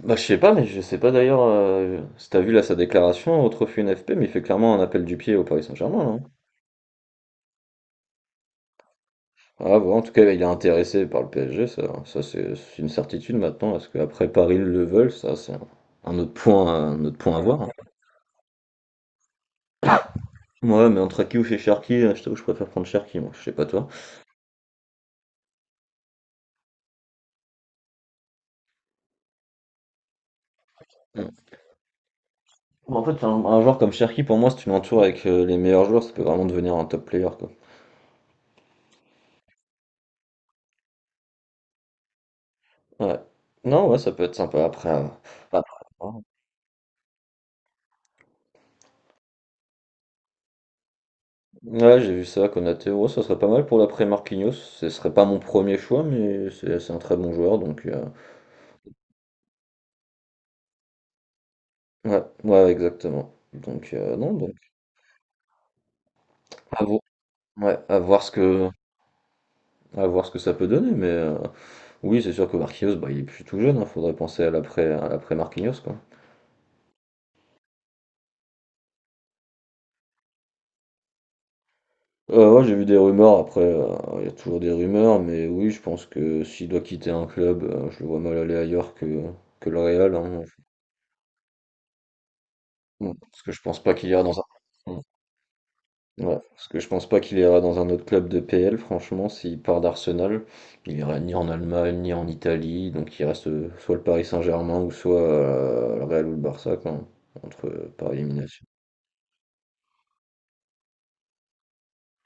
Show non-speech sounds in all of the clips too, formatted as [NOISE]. Je sais pas, mais je sais pas d'ailleurs si t'as vu là sa déclaration au trophée NFP, mais il fait clairement un appel du pied au Paris Saint-Germain, là, hein. En tout cas, il est intéressé par le PSG, ça, c'est une certitude maintenant. Est-ce qu'après Paris le veulent? Ça, c'est un autre point, un autre point à voir, hein. Ouais, mais entre Aki ou chez Cherki, je t'avoue, je préfère prendre Cherki, moi, je sais pas toi. Mm. Bon, en fait, un joueur comme Cherki, pour moi, si tu l'entoures avec les meilleurs joueurs, ça peut vraiment devenir un top player, quoi. Ouais. Non, Ouais, ça peut être sympa après, après. Ouais, j'ai vu ça, Konaté. Ouais, ça serait pas mal pour l'après-Marquinhos. Ce serait pas mon premier choix, mais c'est un très bon joueur, donc ouais, ouais, exactement. Donc non, donc à voir, ouais, à voir ce que ça peut donner, mais oui, c'est sûr que Marquinhos, bah, il est plus tout jeune. Il faudrait penser à à l'après-Marquinhos, quoi. Ouais, j'ai vu des rumeurs. Après, il y a toujours des rumeurs, mais oui, je pense que s'il doit quitter un club, je le vois mal aller ailleurs que le Real, hein. Parce que je pense pas qu'il ira dans un. Ouais, parce que je pense pas qu'il ira dans un autre club de PL, franchement, s'il part d'Arsenal, il ira ni en Allemagne, ni en Italie, donc il reste soit le Paris Saint-Germain ou soit le Real ou le Barça, quoi, hein, entre par élimination.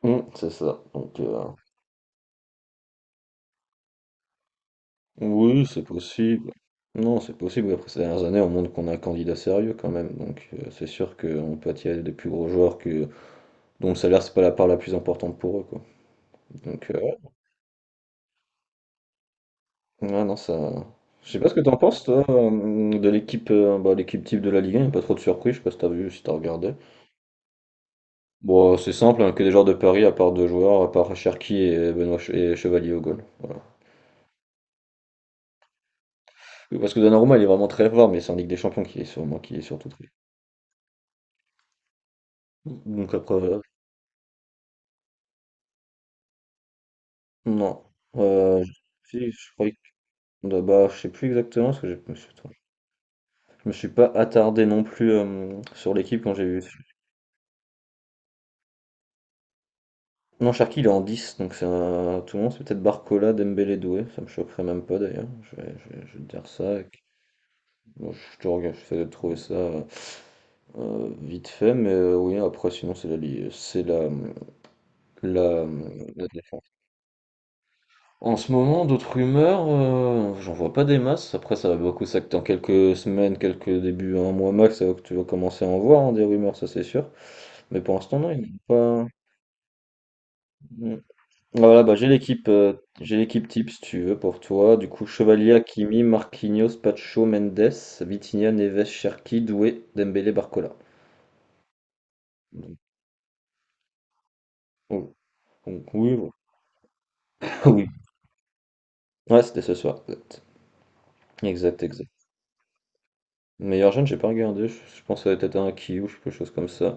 C'est ça. Donc oui, c'est possible. Non, c'est possible. Après ces dernières années, on montre qu'on a un candidat sérieux quand même. Donc c'est sûr qu'on peut attirer des plus gros joueurs que dont le salaire c'est pas la part la plus importante pour eux, quoi. Donc euh, Ouais, non, ça. Je sais pas ce que t'en penses, toi, de l'équipe bah, l'équipe type de la Ligue 1, y a pas trop de surprises, je sais pas si t'as vu, si t'as regardé. Bon, c'est simple, hein, que des joueurs de Paris, à part deux joueurs, à part Cherki et Chevalier au goal. Voilà. Oui, parce que Donnarumma, il est vraiment très fort, mais c'est en Ligue des Champions qui est sûrement qui est surtout très. Donc après, non. Euh, je- Si, je croyais que. Bah, bah, je sais plus exactement, parce que je me suis pas attardé non plus sur l'équipe quand j'ai vu. Non, Sharky, il est en 10, donc c'est un... tout le monde, c'est peut-être Barcola, Dembélé, Doué, ça me choquerait même pas d'ailleurs, je vais te dire ça, bon, je te regarde, j'essaie de trouver ça vite fait, mais oui, après sinon c'est la, la défense. En ce moment, d'autres rumeurs, j'en vois pas des masses, après ça va beaucoup s'acter en quelques semaines, quelques débuts, un mois max, ça va que tu vas commencer à en voir hein, des rumeurs, ça c'est sûr, mais pour l'instant non, il n'y en a pas... Bah voilà, bah, j'ai l'équipe type si tu veux pour toi. Du coup, Chevalier, Hakimi, Marquinhos, Pacho, Mendes, Vitinha, Neves, Cherki, Doué, Dembélé, Barcola. Donc, oh, donc, oui, voilà. [LAUGHS] Oui. Ouais, c'était ce soir. Exact, exact. Meilleur jeune, j'ai pas regardé. Je pense que ça va être un Kiyu ou quelque chose comme ça.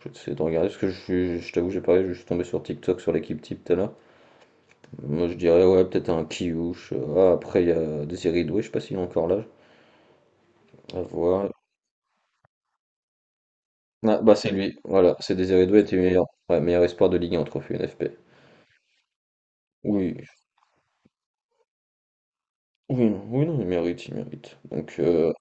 Je vais essayer de regarder parce que je t'avoue, j'ai parlé, je suis tombé sur TikTok sur l'équipe type tout à l'heure. Moi, je dirais ouais, peut-être un Kiyu. Ah, après, il y a Désiré Doué, je sais pas s'il est encore là. À voir. Ah, bah c'est lui, voilà, c'est Désiré Doué était meilleur, ouais, meilleur espoir de Ligue 1 trophée NFP. Oui, oui, non, oui, non, il mérite, il mérite. Donc,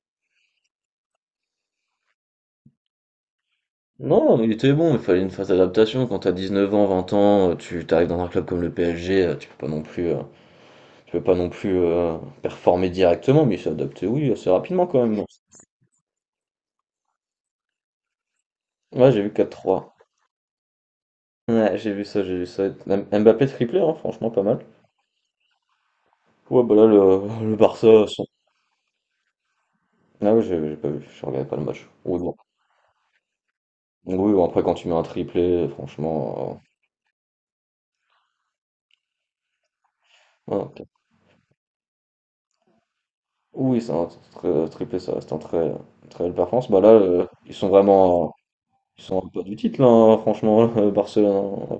non, mais il était bon, il fallait une phase d'adaptation. Quand t'as 19 ans, 20 ans, tu t'arrives dans un club comme le PSG, tu peux pas non plus performer directement, mais il s'est adapté, oui, assez rapidement quand même. Ouais, j'ai vu 4-3. Ouais, j'ai vu ça, j'ai vu ça. Mbappé triplé, hein, franchement, pas mal. Ouais, bah là, le Barça, ah ouais, j'ai pas vu, je regardais pas le match. Ouais, bon. Oui, oui, bon, après, quand tu mets un triplé, franchement. Ouais, ok. Oui, c'est un très triplé, ça reste un très, très belle performance. Bah là, ils sont vraiment. Ils sont un peu du titre, là, hein, franchement, [LAUGHS] Barcelone.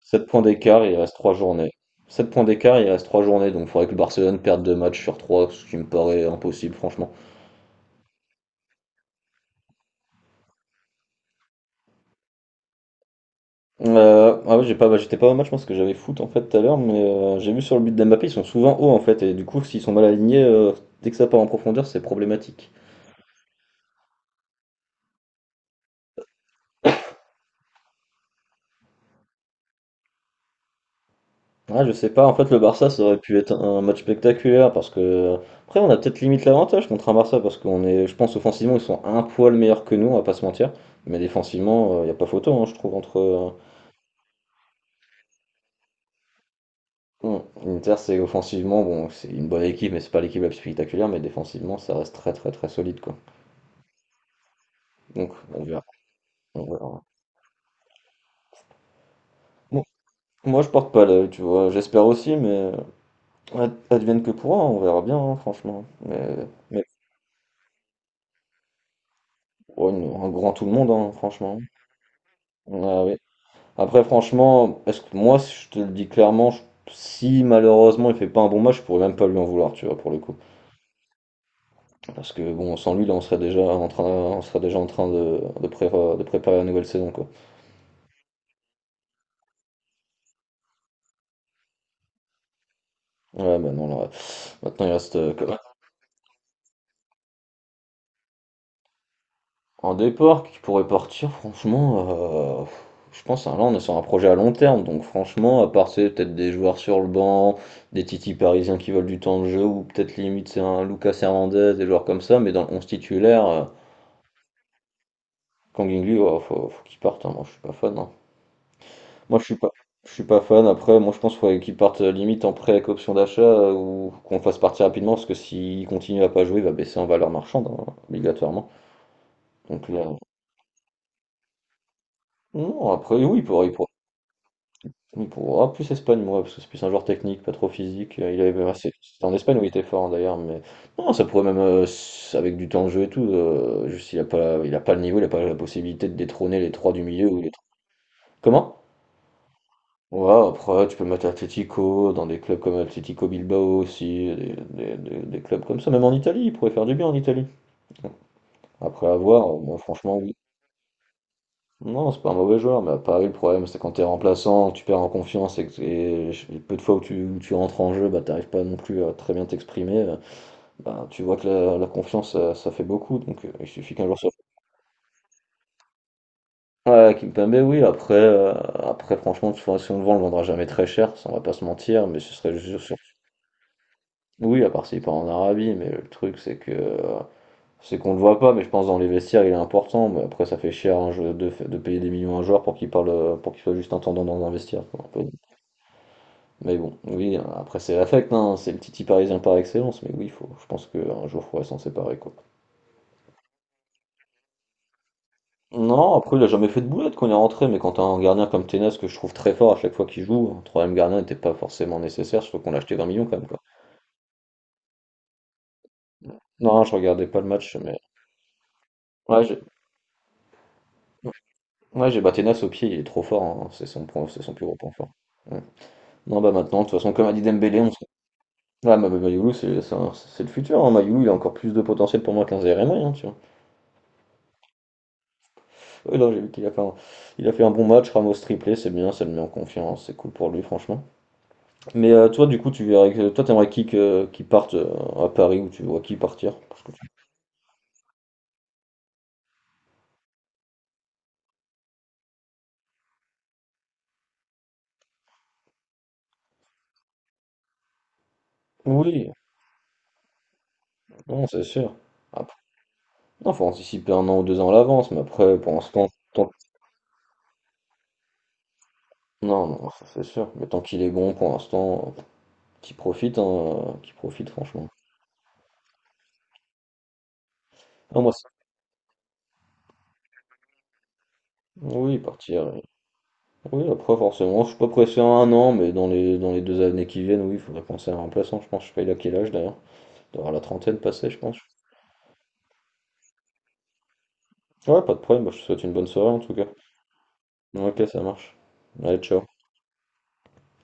Sept points d'écart, il reste 3 journées. 7 points d'écart, il reste 3 journées, donc il faudrait que Barcelone perde 2 matchs sur trois, ce qui me paraît impossible, franchement. Ah oui, j'ai pas, bah, j'étais pas au match, parce que j'avais foot en fait tout à l'heure, mais j'ai vu sur le but d'Mbappé, ils sont souvent hauts en fait, et du coup, s'ils sont mal alignés, dès que ça part en profondeur, c'est problématique. Ah, je sais pas, en fait le Barça ça aurait pu être un match spectaculaire parce que après on a peut-être limite l'avantage contre un Barça parce qu'on est, je pense offensivement ils sont un poil meilleurs que nous, on va pas se mentir, mais défensivement il n'y a pas photo hein, je trouve entre. Bon, l'Inter c'est offensivement bon c'est une bonne équipe mais c'est pas l'équipe la plus spectaculaire mais défensivement ça reste très très très solide quoi. Donc on verra. On verra. Bon, moi je porte pas l'œil, tu vois, j'espère aussi mais advienne que pourra, on verra bien hein, franchement. Mais pour un grand tout le monde hein, franchement. Ah oui, après, franchement, est-ce que moi, si je te le dis clairement, si malheureusement il fait pas un bon match, je pourrais même pas lui en vouloir, tu vois, pour le coup. Parce que bon, sans lui, là, on serait déjà en train de préparer la nouvelle saison, quoi. Ouais, bah non, là, maintenant il reste un départ qui pourrait partir, franchement. Je pense, hein, là, on est sur un projet à long terme, donc franchement, à part c'est peut-être des joueurs sur le banc, des titis parisiens qui veulent du temps de jeu, ou peut-être limite c'est un Lucas Hernandez, des joueurs comme ça, mais dans le 11 titulaire. Kang Inglu, oh, faut qu'il parte, hein. Moi je suis pas fan, hein. Moi je suis pas, Je suis pas fan. Après, moi je pense qu'il parte limite en prêt avec option d'achat ou qu'on le fasse partir rapidement parce que s'il continue à pas jouer, il va baisser en valeur marchande hein, obligatoirement. Donc là, non. Après, oui, il pourra. Plus Espagne, moi, parce que c'est plus un joueur technique, pas trop physique. Il avait, ouais, c'était en Espagne où il était fort hein, d'ailleurs, mais non, ça pourrait même avec du temps de jeu et tout. Juste il a pas le niveau, il a pas la possibilité de détrôner les trois du milieu ou les trois. Comment? Ouais, après, tu peux mettre Atlético dans des clubs comme Atlético Bilbao aussi, des clubs comme ça, même en Italie, il pourrait faire du bien en Italie. Après avoir, moi franchement, oui. Non, c'est pas un mauvais joueur, mais à Paris, le problème, c'est quand t'es remplaçant, tu perds en confiance et les peu de fois où tu rentres en jeu, bah t'arrives pas non plus à très bien t'exprimer, bah tu vois que la confiance, ça fait beaucoup, donc il suffit qu'un joueur soit... Ouais, Kimpembe, oui, après, après franchement, tu vois si on le vend, on le vendra jamais très cher, ça on va pas se mentir, mais ce serait juste oui, à part s'il part en Arabie, mais le truc c'est que c'est qu'on le voit pas, mais je pense dans les vestiaires il est important, mais après ça fait cher un jeu de payer des millions à un joueur pour qu'il parle pour qu'il soit juste intendant dans un vestiaire, quoi, un peu. Mais bon, oui, après c'est l'affect, hein, c'est le Titi parisien par excellence, mais oui, je pense qu'un jour il faudrait s'en séparer quoi. Non, après il a jamais fait de boulette quand il est rentré, mais quand t'as un gardien comme Tenas que je trouve très fort à chaque fois qu'il joue, un troisième gardien n'était pas forcément nécessaire, surtout qu'on l'a acheté 20 millions quand même quoi. Non, je regardais pas le match, mais ouais, j'ai- ouais, j'ai battu Nas au pied, il est trop fort, hein. C'est son point, c'est son plus gros point fort. Ouais. Non, bah maintenant, de toute façon, comme a dit Dembélé, on se... Ah, bah, Mayoulou, c'est le futur. Hein. Mayoulou, il a encore plus de potentiel pour moi qu'un Zeremay, hein, tu vois. Ouais, non, j'ai vu qu'il a fait un... il a fait un bon match, Ramos triplé, c'est bien, ça le met en confiance, c'est cool pour lui, franchement. Mais toi, du coup, tu verrais que... toi, t'aimerais qui parte à Paris ou tu vois qui partir? Oui, non, c'est sûr. Après, non, faut anticiper un an ou deux ans à l'avance, mais après, pour l'instant, tant... non, non, ça, c'est sûr. Mais tant qu'il est bon, pour l'instant. Qui profite, hein, qui profite franchement. Non, moi, c'est- Oui, partir. Oui, oui, après, forcément, je suis pas pressé à un an, mais dans les deux années qui viennent, oui, il faudrait penser à un remplaçant. Je pense, je sais pas, il a quel âge d'ailleurs. Il doit avoir la trentaine passée, je pense. Ouais, pas de problème, bah, je te souhaite une bonne soirée en tout cas. Ok, ça marche. Allez, ciao.